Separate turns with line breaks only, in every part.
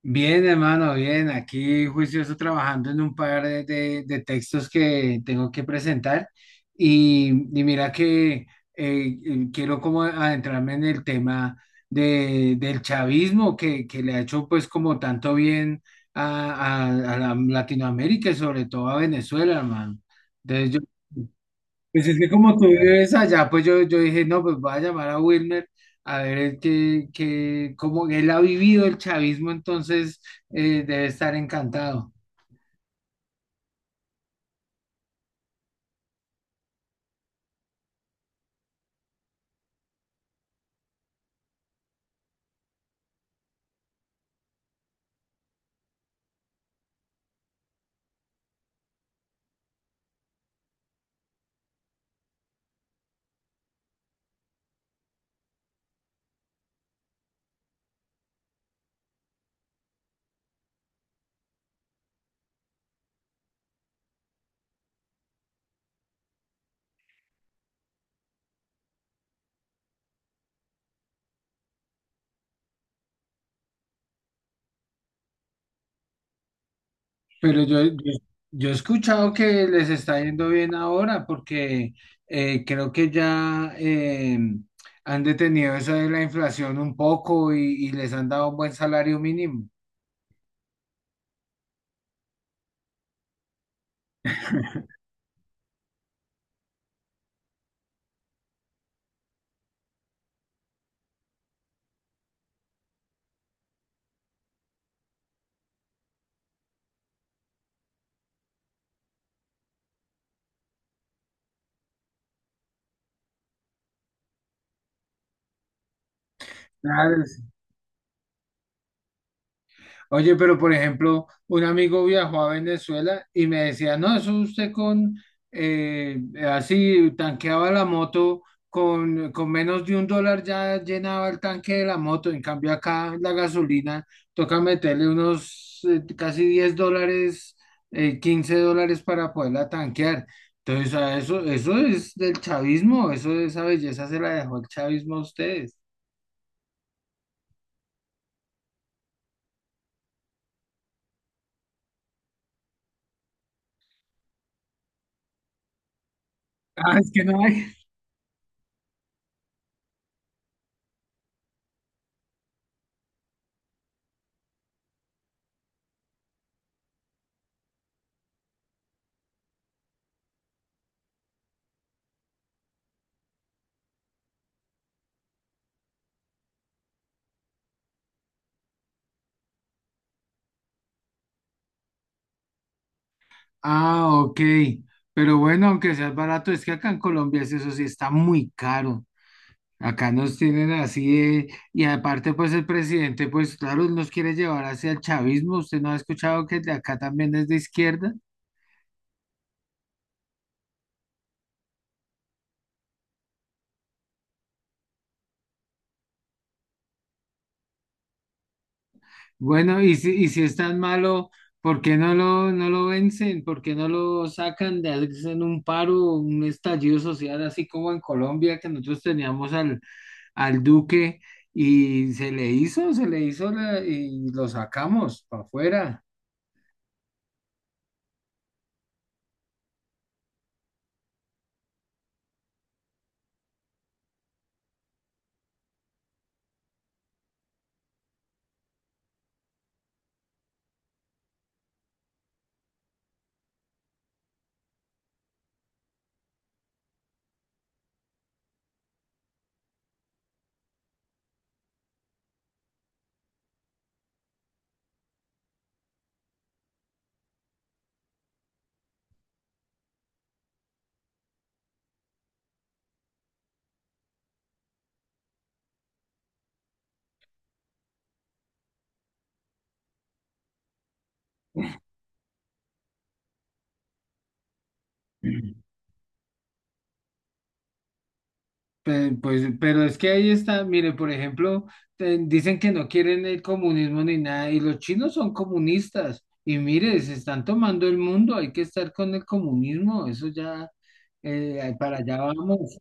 Bien, hermano, bien. Aquí juicioso trabajando en un par de textos que tengo que presentar. Y mira que quiero como adentrarme en el tema del chavismo que le ha hecho pues como tanto bien a Latinoamérica y sobre todo a Venezuela, hermano. Entonces pues es que como tú vives allá, pues yo dije, no, pues voy a llamar a Wilmer a ver cómo él ha vivido el chavismo. Entonces debe estar encantado. Pero yo he escuchado que les está yendo bien ahora porque creo que ya han detenido eso de la inflación un poco y les han dado un buen salario mínimo. Claro. Oye, pero por ejemplo, un amigo viajó a Venezuela y me decía, no, eso usted eh, así tanqueaba la moto, con menos de $1 ya llenaba el tanque de la moto, en cambio acá la gasolina toca meterle unos casi $10, $15 para poderla tanquear. Entonces, a eso, eso es del chavismo, eso, esa belleza se la dejó el chavismo a ustedes. Ah, es que no hay. Ah, ok. Pero bueno, aunque sea barato, es que acá en Colombia es eso sí está muy caro. Acá nos tienen y aparte pues el presidente pues claro nos quiere llevar hacia el chavismo. ¿Usted no ha escuchado que el de acá también es de izquierda? Bueno, y si es tan malo, ¿por qué no lo vencen? ¿Por qué no lo sacan? De Hacen un paro, un estallido social así como en Colombia que nosotros teníamos al Duque y se le hizo y lo sacamos para afuera. Pues, pero es que ahí está, mire, por ejemplo, dicen que no quieren el comunismo ni nada, y los chinos son comunistas, y mire, se están tomando el mundo, hay que estar con el comunismo, eso ya, para allá vamos.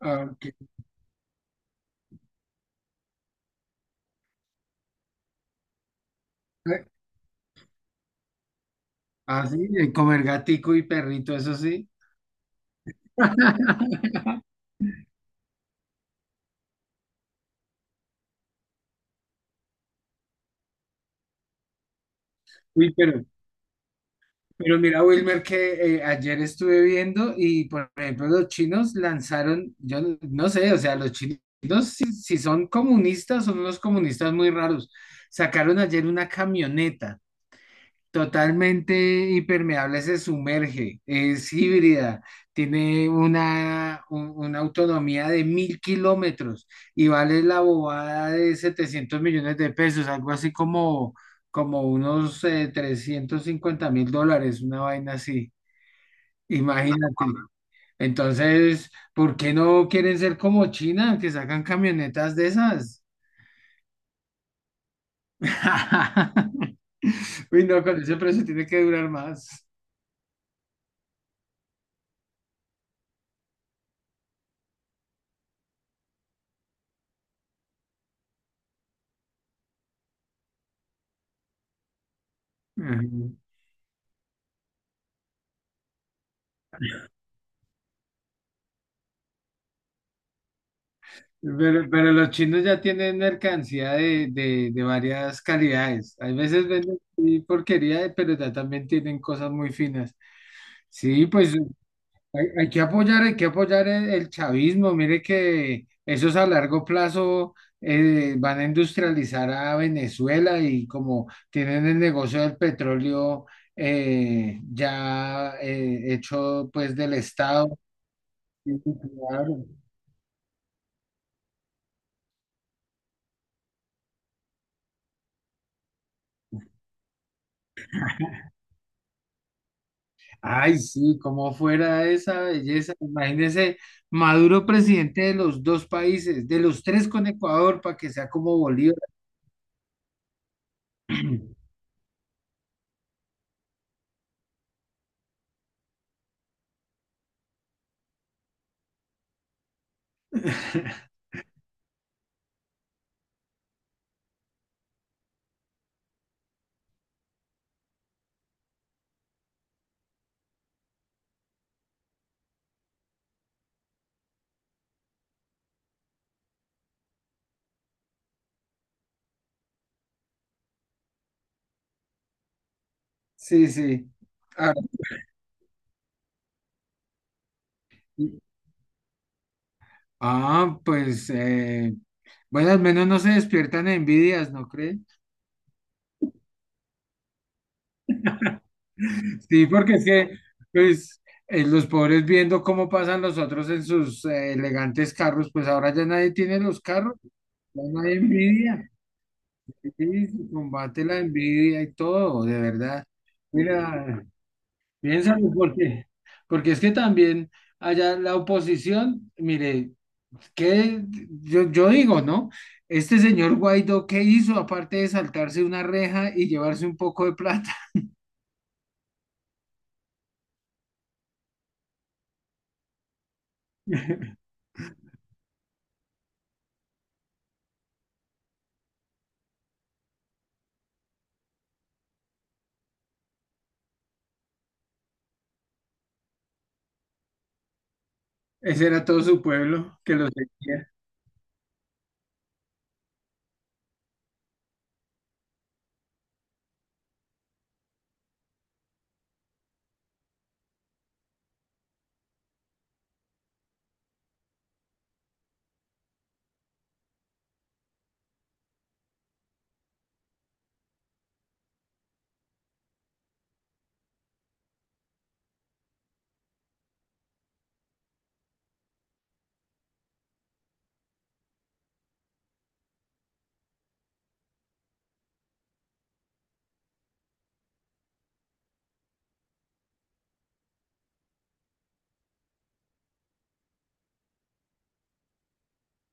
Ah, que- eh, ah, sí, comer gatico y perrito, eso sí. Uy, pero mira, Wilmer, que ayer estuve viendo y, por ejemplo, los chinos lanzaron, yo no sé, o sea, los chinos, si son comunistas, son unos comunistas muy raros. Sacaron ayer una camioneta totalmente impermeable, se sumerge, es híbrida, tiene una autonomía de 1.000 kilómetros y vale la bobada de 700 millones de pesos, algo así como, como unos $350.000, una vaina así, imagínate. Entonces, ¿por qué no quieren ser como China, que sacan camionetas de esas? Uy, no, con ese precio tiene que durar más. Ajá. Pero los chinos ya tienen mercancía de varias calidades. Hay veces venden sí, porquería, pero ya también tienen cosas muy finas. Sí, pues hay que apoyar, hay que apoyar el chavismo. Mire que esos a largo plazo van a industrializar a Venezuela y como tienen el negocio del petróleo ya hecho pues del Estado. Sí, claro. Ay, sí, como fuera esa belleza. Imagínese, Maduro presidente de los dos países, de los tres con Ecuador, para que sea como Bolívar. Sí, sí. Ah, ah, pues, bueno, al menos no se despiertan envidias, ¿no cree? Sí, porque es que, pues, los pobres viendo cómo pasan los otros en sus elegantes carros, pues ahora ya nadie tiene los carros, ya nadie envidia. Sí, se combate la envidia y todo, de verdad. Mira, piénsalo porque es que también allá la oposición, mire, que yo digo, ¿no? Este señor Guaidó, ¿qué hizo aparte de saltarse una reja y llevarse un poco de plata? Ese era todo su pueblo que lo seguía.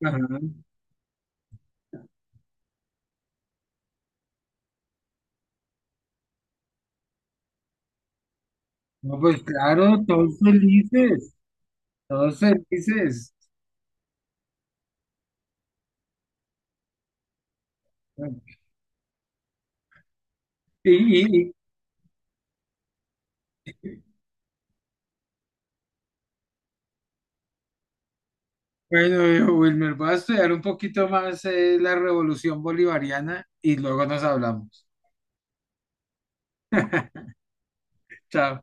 Ajá. No, pues claro, todos felices, todos felices. Y, y- Bueno, viejo Wilmer, voy a estudiar un poquito más la revolución bolivariana y luego nos hablamos. Chao.